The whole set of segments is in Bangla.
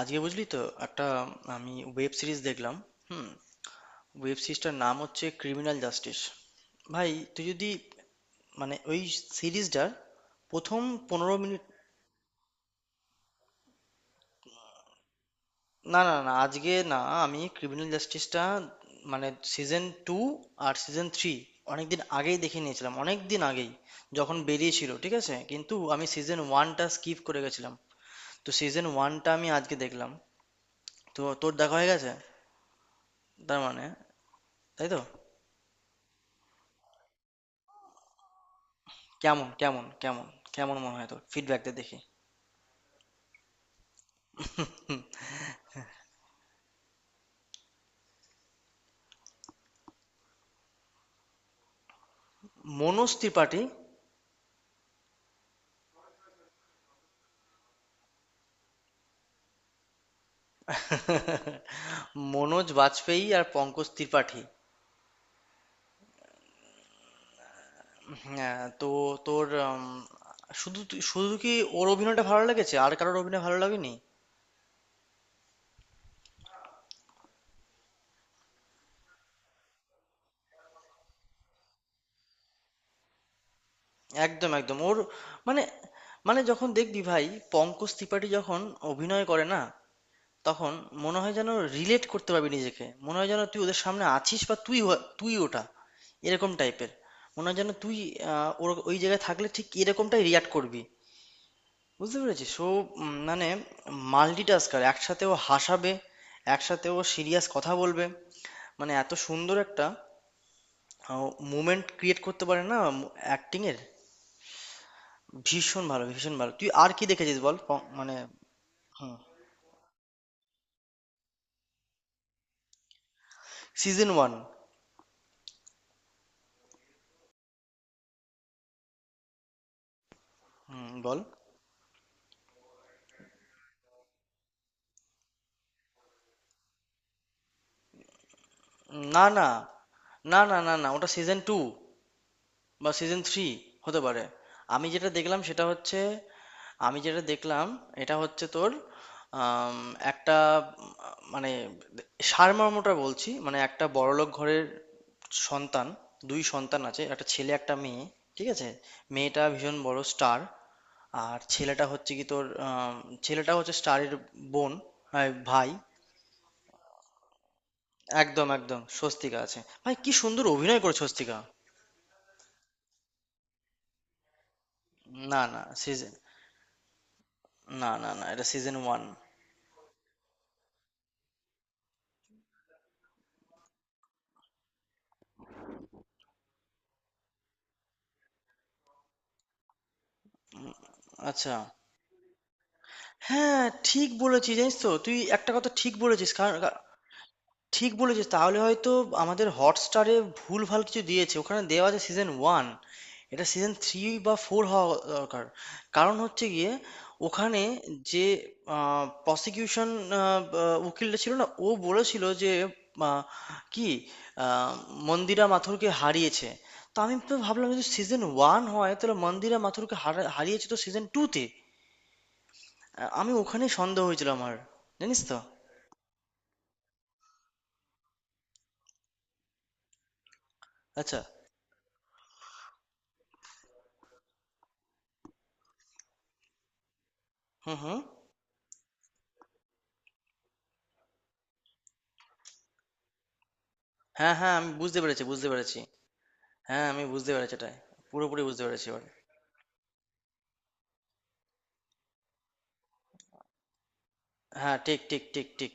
আজকে বুঝলি তো, একটা আমি ওয়েব সিরিজ দেখলাম। হুম। ওয়েব সিরিজটার নাম হচ্ছে ক্রিমিনাল জাস্টিস। ভাই, তুই যদি ওই সিরিজটার প্রথম 15 মিনিট। না, না, না, আজকে না। আমি ক্রিমিনাল জাস্টিসটা মানে সিজন টু আর সিজন থ্রি অনেকদিন আগেই দেখে নিয়েছিলাম, অনেক দিন আগেই। যখন বেরিয়েছিল, ঠিক আছে, কিন্তু আমি সিজন ওয়ানটা স্কিপ করে গেছিলাম। তো সিজন ওয়ানটা আমি আজকে দেখলাম। তো তোর দেখা হয়ে গেছে, তার মানে, তাই তো। কেমন, কেমন, কেমন কেমন মনে হয়? তোর ফিডব্যাক দে দেখি। হুম। মনোজ ত্রিপাঠী। মনোজ বাজপেয়ী আর পঙ্কজ ত্রিপাঠী। হ্যাঁ, তো তোর শুধু কি ওর অভিনয়টা ভালো লেগেছে আর কারোর অভিনয় ভালো লাগেনি? একদম, একদম। ওর মানে, মানে যখন দেখবি ভাই, পঙ্কজ ত্রিপাঠী যখন অভিনয় করে না, তখন মনে হয় যেন রিলেট করতে পারবি নিজেকে। মনে হয় যেন তুই ওদের সামনে আছিস বা তুই ওটা, এরকম টাইপের। মনে হয় যেন তুই ওই জায়গায় থাকলে ঠিক এরকমটাই রিয়াক্ট করবি, বুঝতে পেরেছিস? সো মানে, মাল্টিটাস্কার। একসাথে ও হাসাবে, একসাথে ও সিরিয়াস কথা বলবে। মানে এত সুন্দর একটা মুমেন্ট ক্রিয়েট করতে পারে না অ্যাক্টিং এর। ভীষণ ভালো, ভীষণ ভালো। তুই আর কি দেখেছিস বল? মানে, হুম। Season one. হুম, বল। না, না, না, না, না, না, ওটা সিজন টু বা সিজন থ্রি হতে পারে। আমি যেটা দেখলাম সেটা হচ্ছে, আমি যেটা দেখলাম এটা হচ্ছে তোর আম, একটা উম, মানে সারমর্মটা বলছি। মানে একটা বড়লোক ঘরের সন্তান, দুই সন্তান আছে, একটা ছেলে একটা মেয়ে, ঠিক আছে। মেয়েটা ভীষণ বড় স্টার আর ছেলেটা হচ্ছে কি তোর, ছেলেটা হচ্ছে স্টারের বোন। ভাই, একদম, একদম, স্বস্তিকা আছে। ভাই কি সুন্দর অভিনয় করে স্বস্তিকা। না না সিজন না, না, না, এটা সিজন ওয়ান। আচ্ছা। হ্যাঁ, ঠিক বলেছিস, জানিস তো? তুই একটা কথা ঠিক বলেছিস। কারণ কা ঠিক বলেছিস। তাহলে হয়তো আমাদের Hotstar এ ভুলভাল কিছু দিয়েছে। ওখানে দেওয়া আছে সিজন 1, এটা সিজন 3 বা 4 হওয়া দরকার। কারণ হচ্ছে গিয়ে ওখানে যে, আ প্রসিকিউশন, আ বা উকিলটা ছিল না? ও বলেছিল যে আ কি আ মন্দিরা মাথুরকে হারিয়েছে। তো আমি তো ভাবলাম যদি সিজন 1 হয় তাহলে মন্দিরা মাথুরকে হারিয়েছে তো সিজন 2 তে। আমি ওখানেই সন্দেহ হয়েছিল আমার, জানিস তো। আচ্ছা। হুম, হুম। হ্যাঁ, হ্যাঁ, আমি বুঝতে পেরেছি, বুঝতে পেরেছি। হ্যাঁ, আমি বুঝতে পেরেছি এটাই। পুরোপুরি বুঝতে পেরেছি এবার। হ্যাঁ, ঠিক, ঠিক, ঠিক, ঠিক।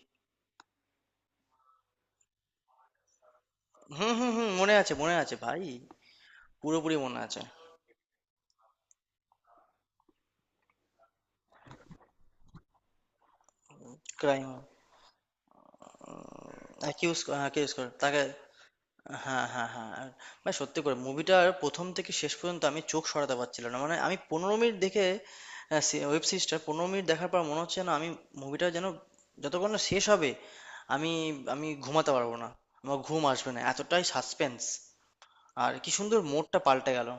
হুম, হুম, হুম, মনে আছে, মনে আছে ভাই। পুরোপুরি মনে আছে। ক্রাইম। অ্যাকিউজ অ্যাকিউজ কর তাকে। হ্যাঁ, হ্যাঁ, হ্যাঁ, আর ভাই সত্যি করে মুভিটার প্রথম থেকে শেষ পর্যন্ত আমি চোখ সরাতে পারছিলাম না। মানে আমি 15 মিনিট দেখে, ওয়েব সিরিজটা 15 মিনিট দেখার পর মনে হচ্ছে না আমি মুভিটা যেন, যতক্ষণ না শেষ হবে আমি আমি ঘুমাতে পারবো না। আমার ঘুম আসবে না, এতটাই সাসপেন্স। আর কি সুন্দর মোড়টা পাল্টে গেল।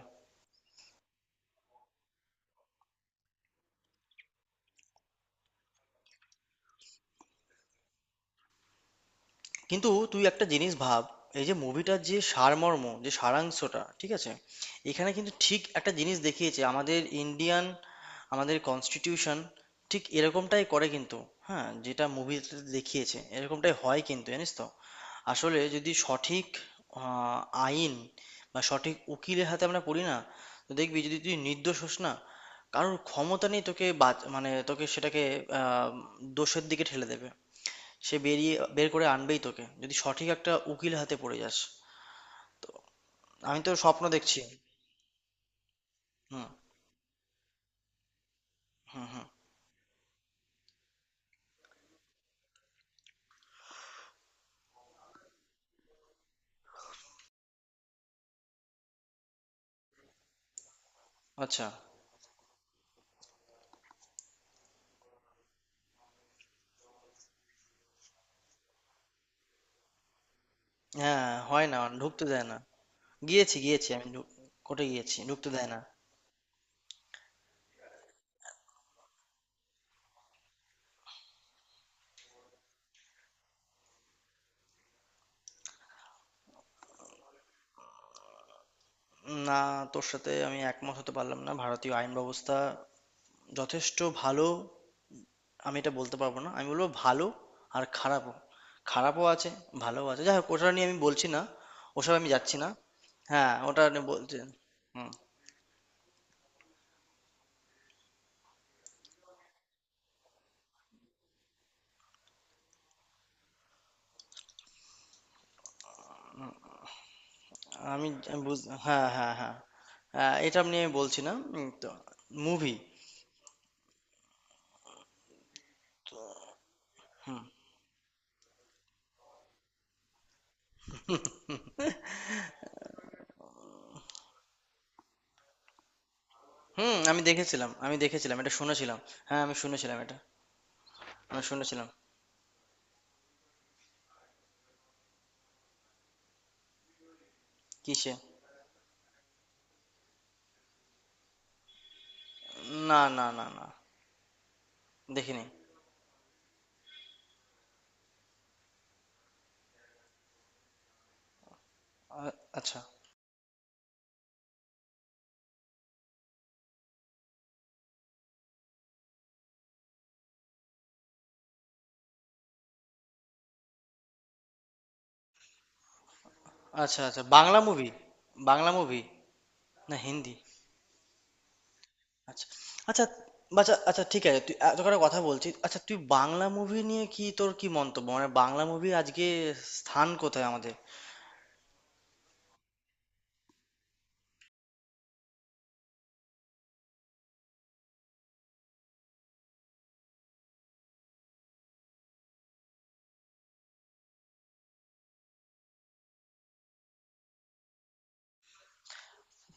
কিন্তু তুই একটা জিনিস ভাব, এই যে মুভিটার যে সারমর্ম, যে সারাংশটা, ঠিক আছে, এখানে কিন্তু ঠিক একটা জিনিস দেখিয়েছে, আমাদের ইন্ডিয়ান, আমাদের কনস্টিটিউশন ঠিক এরকমটাই করে কিন্তু। হ্যাঁ, যেটা মুভিতে দেখিয়েছে এরকমটাই হয় কিন্তু, জানিস তো। আসলে যদি সঠিক আহ, আইন বা সঠিক উকিলের হাতে আমরা পড়ি না, তো দেখবি যদি তুই নির্দোষ হোস না, কারোর ক্ষমতা নেই তোকে মানে তোকে সেটাকে আহ, দোষের দিকে ঠেলে দেবে। সে বেরিয়ে বের করে আনবেই তোকে যদি সঠিক একটা উকিল হাতে পড়ে যাস। আমি তো স্বপ্ন দেখছি। হুম, হুম, হুম। আচ্ছা। হ্যাঁ, হয় না, ঢুকতে দেয় না। গিয়েছি, গিয়েছি আমি, কোর্টে গিয়েছি, ঢুকতে দেয় না। না, তোর সাথে আমি একমত হতে পারলাম না। ভারতীয় আইন ব্যবস্থা যথেষ্ট ভালো, আমি এটা বলতে পারবো না। আমি বলবো ভালো আর খারাপও, খারাপও আছে, ভালোও আছে। যাই হোক, ওটা নিয়ে আমি বলছি না, ওসব আমি যাচ্ছি না। হ্যাঁ, ওটা নিয়ে বলছি। হুম। আমি আমি বুঝ, হ্যাঁ, হ্যাঁ, হ্যাঁ। এটা আপনি আমি বলছি না। তো মুভি। হুম। হুম। আমি দেখেছিলাম এটা শুনেছিলাম। হ্যাঁ, আমি শুনেছিলাম এটা। আমি শুনেছিলাম। কিসে? না, না, না, না, দেখিনি। আচ্ছা। আচ্ছা, আচ্ছা, বাংলা মুভি? বাংলা মুভি না হিন্দি? আচ্ছা। আচ্ছা। আচ্ছা, আচ্ছা, ঠিক আছে। তুই এত করে কথা বলছিস, আচ্ছা তুই বাংলা মুভি নিয়ে কি, তোর কি মন্তব্য, মানে বাংলা মুভি আজকে স্থান কোথায় আমাদের?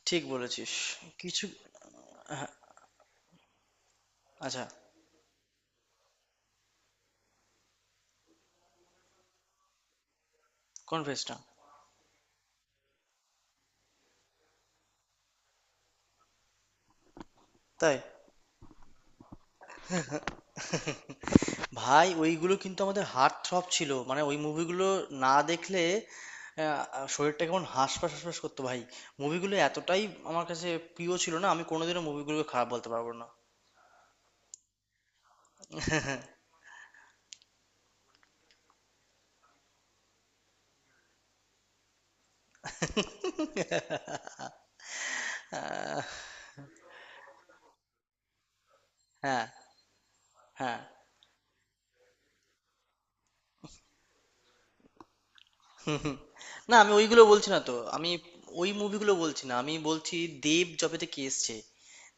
ঠিক বলেছিস। কিছু। আচ্ছা। কনফেসটা? তাই? ভাই, ওইগুলো কিন্তু আমাদের হার্ট থ্রব ছিল, মানে ওই মুভিগুলো না দেখলে শরীরটা কেমন হাঁসফাঁস হাঁসফাঁস করতো ভাই। মুভিগুলো এতটাই আমার কাছে প্রিয় ছিল, না আমি কোনোদিনও মুভিগুলোকে খারাপ বলতে পারবো না। হ্যাঁ, হ্যাঁ। হুম, হুম। না, আমি ওইগুলো বলছি না, তো আমি ওই মুভিগুলো বলছি না, আমি বলছি দেব যবে থেকে এসছে,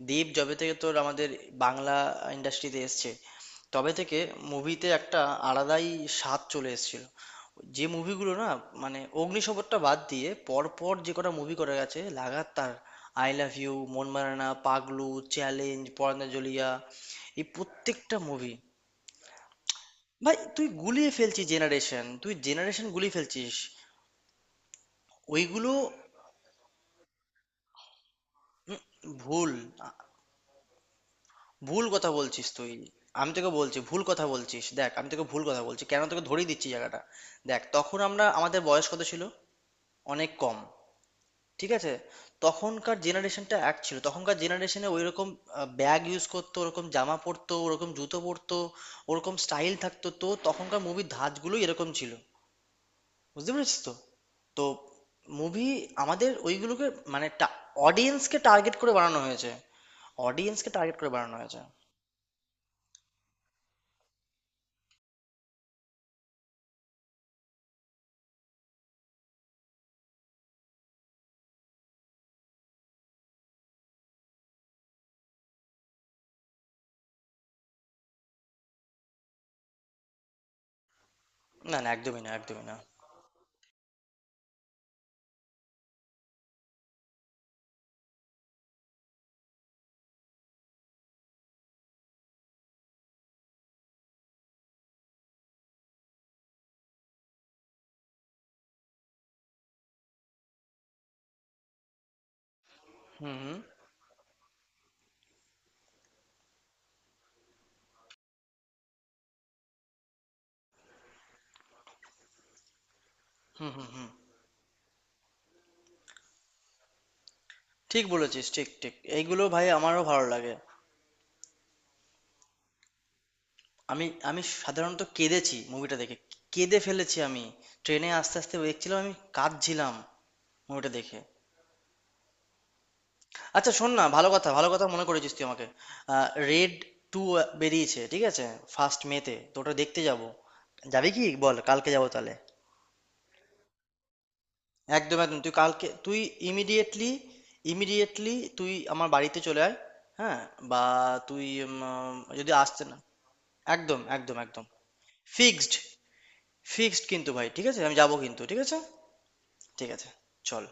দেব যবে থেকে তোর আমাদের বাংলা ইন্ডাস্ট্রিতে এসছে, তবে থেকে মুভিতে একটা আলাদাই স্বাদ চলে এসেছিল। যে মুভিগুলো না, মানে অগ্নিশপথটা বাদ দিয়ে পরপর যে কটা মুভি করে গেছে লাগাতার, আই লাভ ইউ, মন মারানা, পাগলু, চ্যালেঞ্জ, পরাঞ্জলিয়া, এই প্রত্যেকটা মুভি। ভাই তুই গুলিয়ে ফেলছিস, জেনারেশন তুই জেনারেশন গুলিয়ে ফেলছিস। ওইগুলো, ভুল, আ- ভুল কথা বলছিস তুই। আমি তোকে বলছি ভুল কথা বলছিস, দেখ আমি তোকে ভুল কথা বলছি কেন তোকে ধরিয়ে দিচ্ছি জায়গাটা। দেখ, তখন আমরা, আমাদের বয়স কত ছিল, অনেক কম, ঠিক আছে। তখনকার জেনারেশনটা এক ছিল, তখনকার জেনারেশনে ওইরকম ব্যাগ ইউজ করতো, ওরকম জামা পরতো, ওরকম জুতো পরতো, ওরকম স্টাইল থাকতো, তো তখনকার মুভির ধাঁচগুলো এরকম ছিল, বুঝতে পেরেছিস তো? তো মুভি আমাদের ওইগুলোকে মানে অডিয়েন্সকে টার্গেট করে বানানো হয়েছে, অডিয়েন্সকে টার্গেট করে বানানো হয়েছে। না, না, একদমই না, একদমই না। হুম, হুম, হুম, হুম, হুম। ঠিক বলেছিস, ঠিক, ঠিক, এইগুলো ভাই আমারও ভালো লাগে। আমি আমি সাধারণত কেঁদেছি মুভিটা দেখে, কেঁদে ফেলেছি আমি। ট্রেনে আস্তে আস্তে দেখছিলাম, আমি কাঁদছিলাম মুভিটা দেখে। আচ্ছা, শোন না, ভালো কথা, ভালো কথা মনে করেছিস তুই আমাকে। রেড টু বেরিয়েছে, ঠিক আছে, ফার্স্ট মেতে তো ওটা দেখতে যাব। যাবি কি বল? কালকে যাবো তাহলে? একদম, একদম। তুই কালকে তুই ইমিডিয়েটলি, ইমিডিয়েটলি তুই আমার বাড়িতে চলে আয়। হ্যাঁ, বা তুই যদি আসতে না, একদম, একদম, একদম ফিক্সড, ফিক্সড কিন্তু ভাই। ঠিক আছে, আমি যাবো কিন্তু, ঠিক আছে। ঠিক আছে চল।